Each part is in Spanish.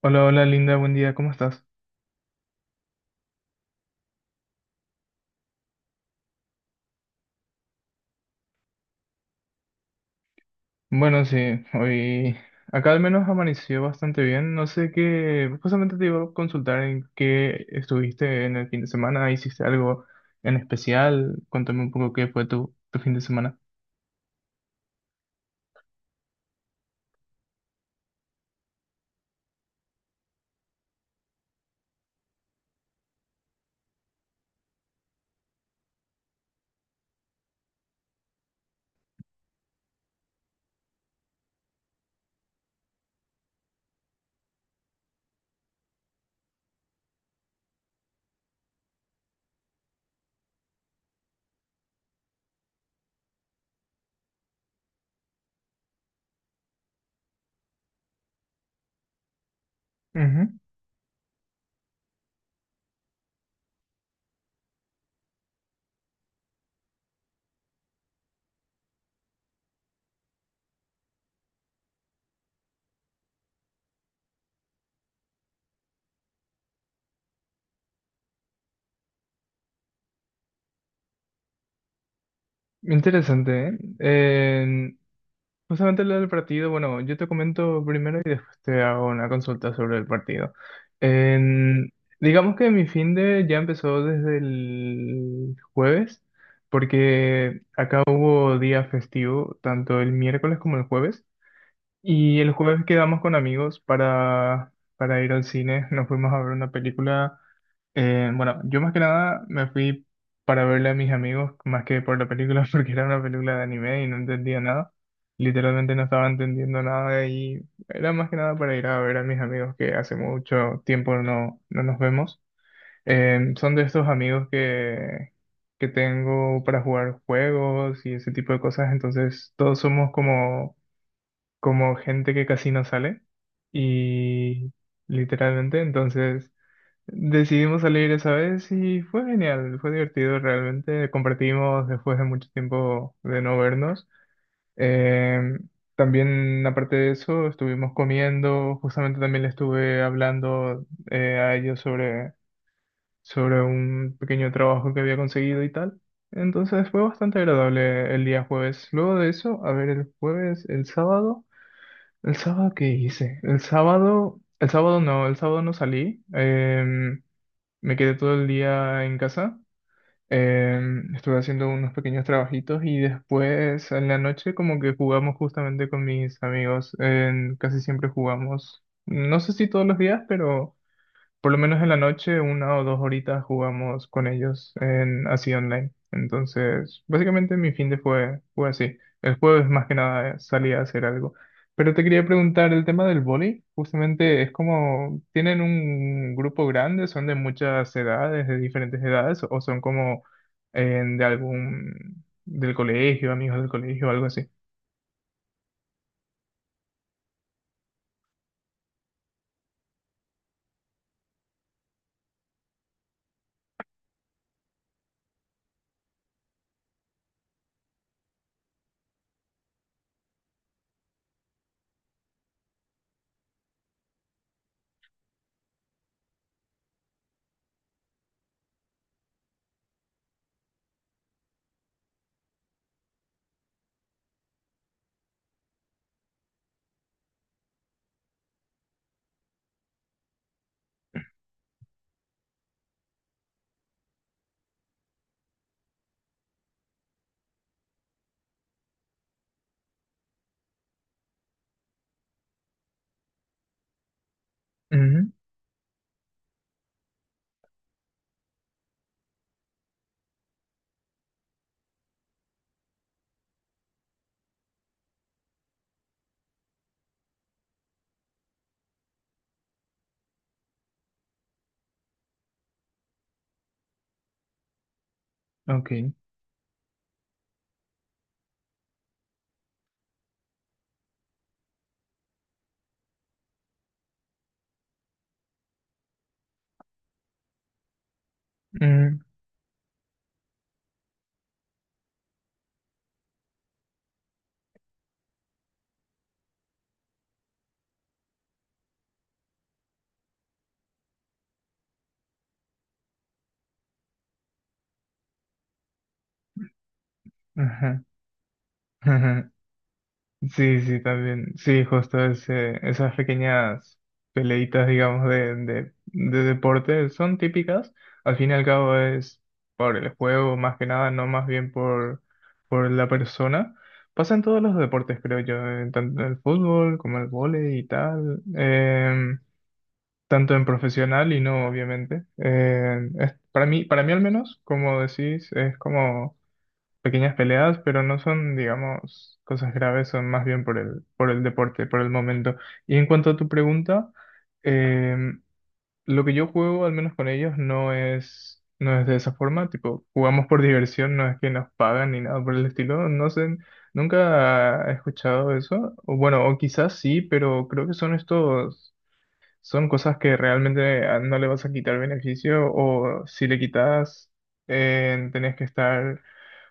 Hola, hola Linda, buen día, ¿cómo estás? Bueno, sí, hoy acá al menos amaneció bastante bien. No sé qué, justamente te iba a consultar en qué estuviste en el fin de semana, hiciste algo en especial, cuéntame un poco qué fue tu fin de semana. Ujú. Interesante, ¿eh? Justamente lo del partido, bueno, yo te comento primero y después te hago una consulta sobre el partido. En- digamos que mi fin de ya empezó desde el jueves, porque acá hubo día festivo, tanto el miércoles como el jueves, y el jueves quedamos con amigos para ir al cine, nos fuimos a ver una película. Bueno, yo más que nada me fui para verle a mis amigos más que por la película porque era una película de anime y no entendía nada. Literalmente no estaba entendiendo nada y era más que nada para ir a ver a mis amigos que hace mucho tiempo no nos vemos. Son de estos amigos que tengo para jugar juegos y ese tipo de cosas, entonces todos somos como gente que casi no sale y literalmente entonces... Decidimos salir esa vez y fue genial, fue divertido realmente. Compartimos después de mucho tiempo de no vernos. Eh, También, aparte de eso, estuvimos comiendo. Justamente también le estuve hablando a ellos sobre un pequeño trabajo que había conseguido y tal. Entonces fue bastante agradable el día jueves. Luego de eso, a ver, el jueves, el sábado. ¿El sábado qué hice? El sábado, el sábado no salí. Me quedé todo el día en casa, estuve haciendo unos pequeños trabajitos y después en la noche como que jugamos justamente con mis amigos. Casi siempre jugamos. No sé si todos los días, pero por lo menos en la noche, una o dos horitas jugamos con ellos en así online. Entonces, básicamente mi fin de fue así. El jueves más que nada salí a hacer algo. Pero te quería preguntar el tema del vóley. Justamente es como, ¿tienen un grupo grande? ¿Son de muchas edades, de diferentes edades? ¿O son como de algún, del colegio, amigos del colegio, algo así? Ujú. Ok. Ujú. Ajá. Sí, sí, también. Sí, justo ese, esas pequeñas peleitas, digamos, de deporte son típicas. Al fin y al cabo es por el juego, más que nada, no más bien por la persona. Pasa en todos los deportes, creo yo, tanto en el fútbol como el vóley y tal, tanto en profesional y no, obviamente. Para mí al menos, como decís, es como pequeñas peleas, pero no son, digamos, cosas graves, son más bien por por el deporte, por el momento. Y en cuanto a tu pregunta, em, lo que yo juego, al menos con ellos, no es de esa forma, tipo, jugamos por diversión, no es que nos pagan ni nada por el estilo, no sé, nunca he escuchado eso, o bueno, o quizás sí, pero creo que son estos son cosas que realmente no le vas a quitar beneficio, o si le quitas tenés que estar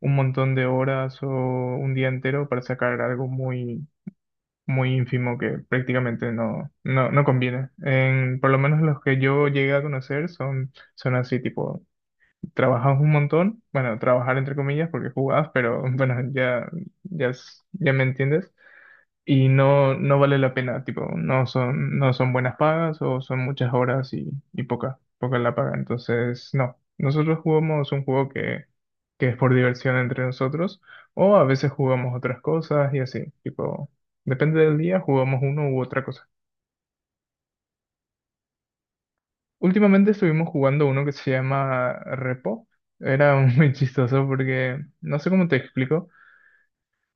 un montón de horas o un día entero para sacar algo muy muy ínfimo que prácticamente no conviene. En, por lo menos los que yo llegué a conocer son así, tipo, trabajas un montón, bueno, trabajar entre comillas porque jugás, pero bueno, ya me entiendes y no, no vale la pena, tipo, no no son buenas pagas, o son muchas horas y poca la paga. Entonces, no, nosotros jugamos un juego que es por diversión entre nosotros, o a veces jugamos otras cosas y así, tipo, depende del día, jugamos uno u otra cosa. Últimamente estuvimos jugando uno que se llama Repo. Era muy chistoso porque no sé cómo te explico.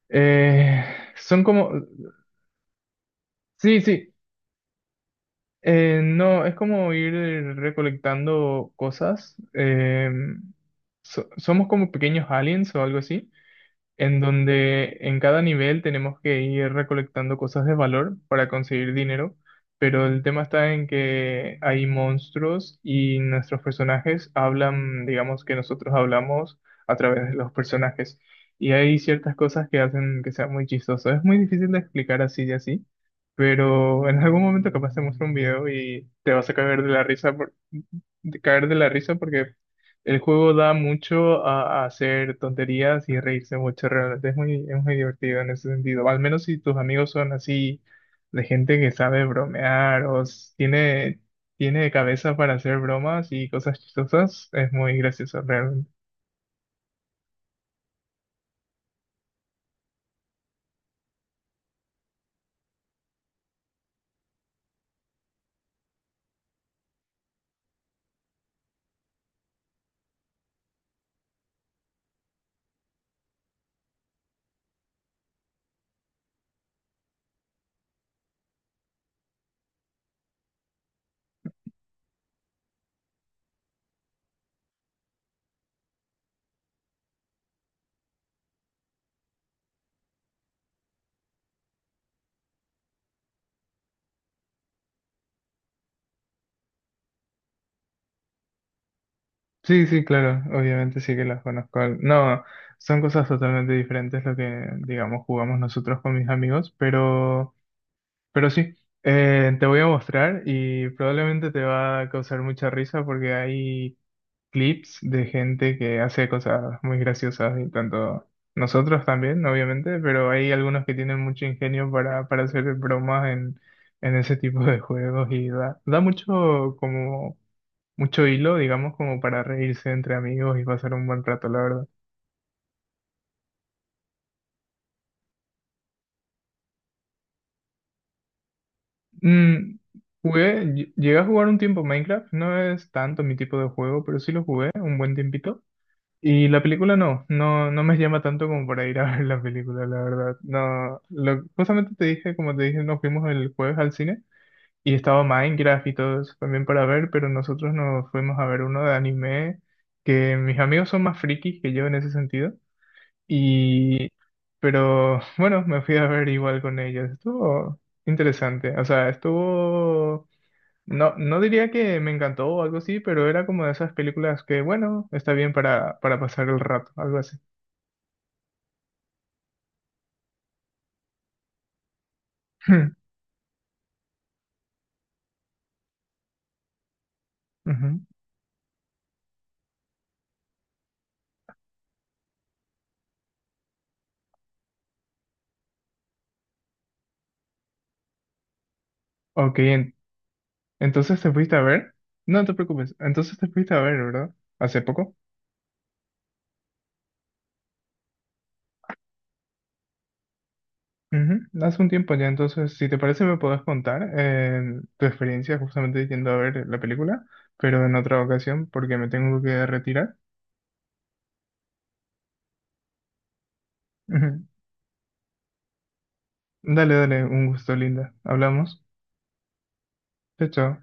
Eh, Son como... Sí, sí. No, es como ir recolectando cosas, somos como pequeños aliens o algo así, en donde en cada nivel tenemos que ir recolectando cosas de valor para conseguir dinero, pero el tema está en que hay monstruos y nuestros personajes hablan, digamos que nosotros hablamos a través de los personajes. Y hay ciertas cosas que hacen que sea muy chistoso. Es muy difícil de explicar así y así, pero en algún momento capaz te muestro un video y te vas a caer de la risa de caer de la risa porque el juego da mucho a hacer tonterías y reírse mucho, realmente es es muy divertido en ese sentido. Al menos si tus amigos son así, de gente que sabe bromear tiene cabeza para hacer bromas y cosas chistosas, es muy gracioso realmente. Sí, sí, claro, obviamente sí que las conozco. No, son cosas totalmente diferentes lo que, digamos, jugamos nosotros con mis amigos, pero sí, te voy a mostrar y probablemente te va a causar mucha risa porque hay clips de gente que hace cosas muy graciosas, y tanto nosotros también, obviamente, pero hay algunos que tienen mucho ingenio para hacer bromas en ese tipo de juegos y da mucho como mucho hilo, digamos, como para reírse entre amigos y pasar un buen rato, la verdad. Mm, jugué, llegué a jugar un tiempo Minecraft, no es tanto mi tipo de juego, pero sí lo jugué un buen tiempito. Y la película no me llama tanto como para ir a ver la película, la verdad. No, lo, justamente te dije, como te dije, nos fuimos el jueves al cine y estaba Minecraft y todo eso también para ver, pero nosotros nos fuimos a ver uno de anime, que mis amigos son más frikis que yo en ese sentido. Y, pero bueno, me fui a ver igual con ellos. Estuvo interesante, o sea, estuvo, no, no diría que me encantó o algo así, pero era como de esas películas que, bueno, está bien para pasar el rato, algo así. Ujú. Ok, en- entonces te fuiste a ver. No te preocupes, entonces te fuiste a ver, ¿verdad? ¿Hace poco? Ujú. Hace un tiempo ya, entonces, si te parece, me puedes contar tu experiencia justamente yendo a ver la película, pero en otra ocasión, porque me tengo que retirar. Ujú. Dale, dale, un gusto, Linda. Hablamos. Chao, chao.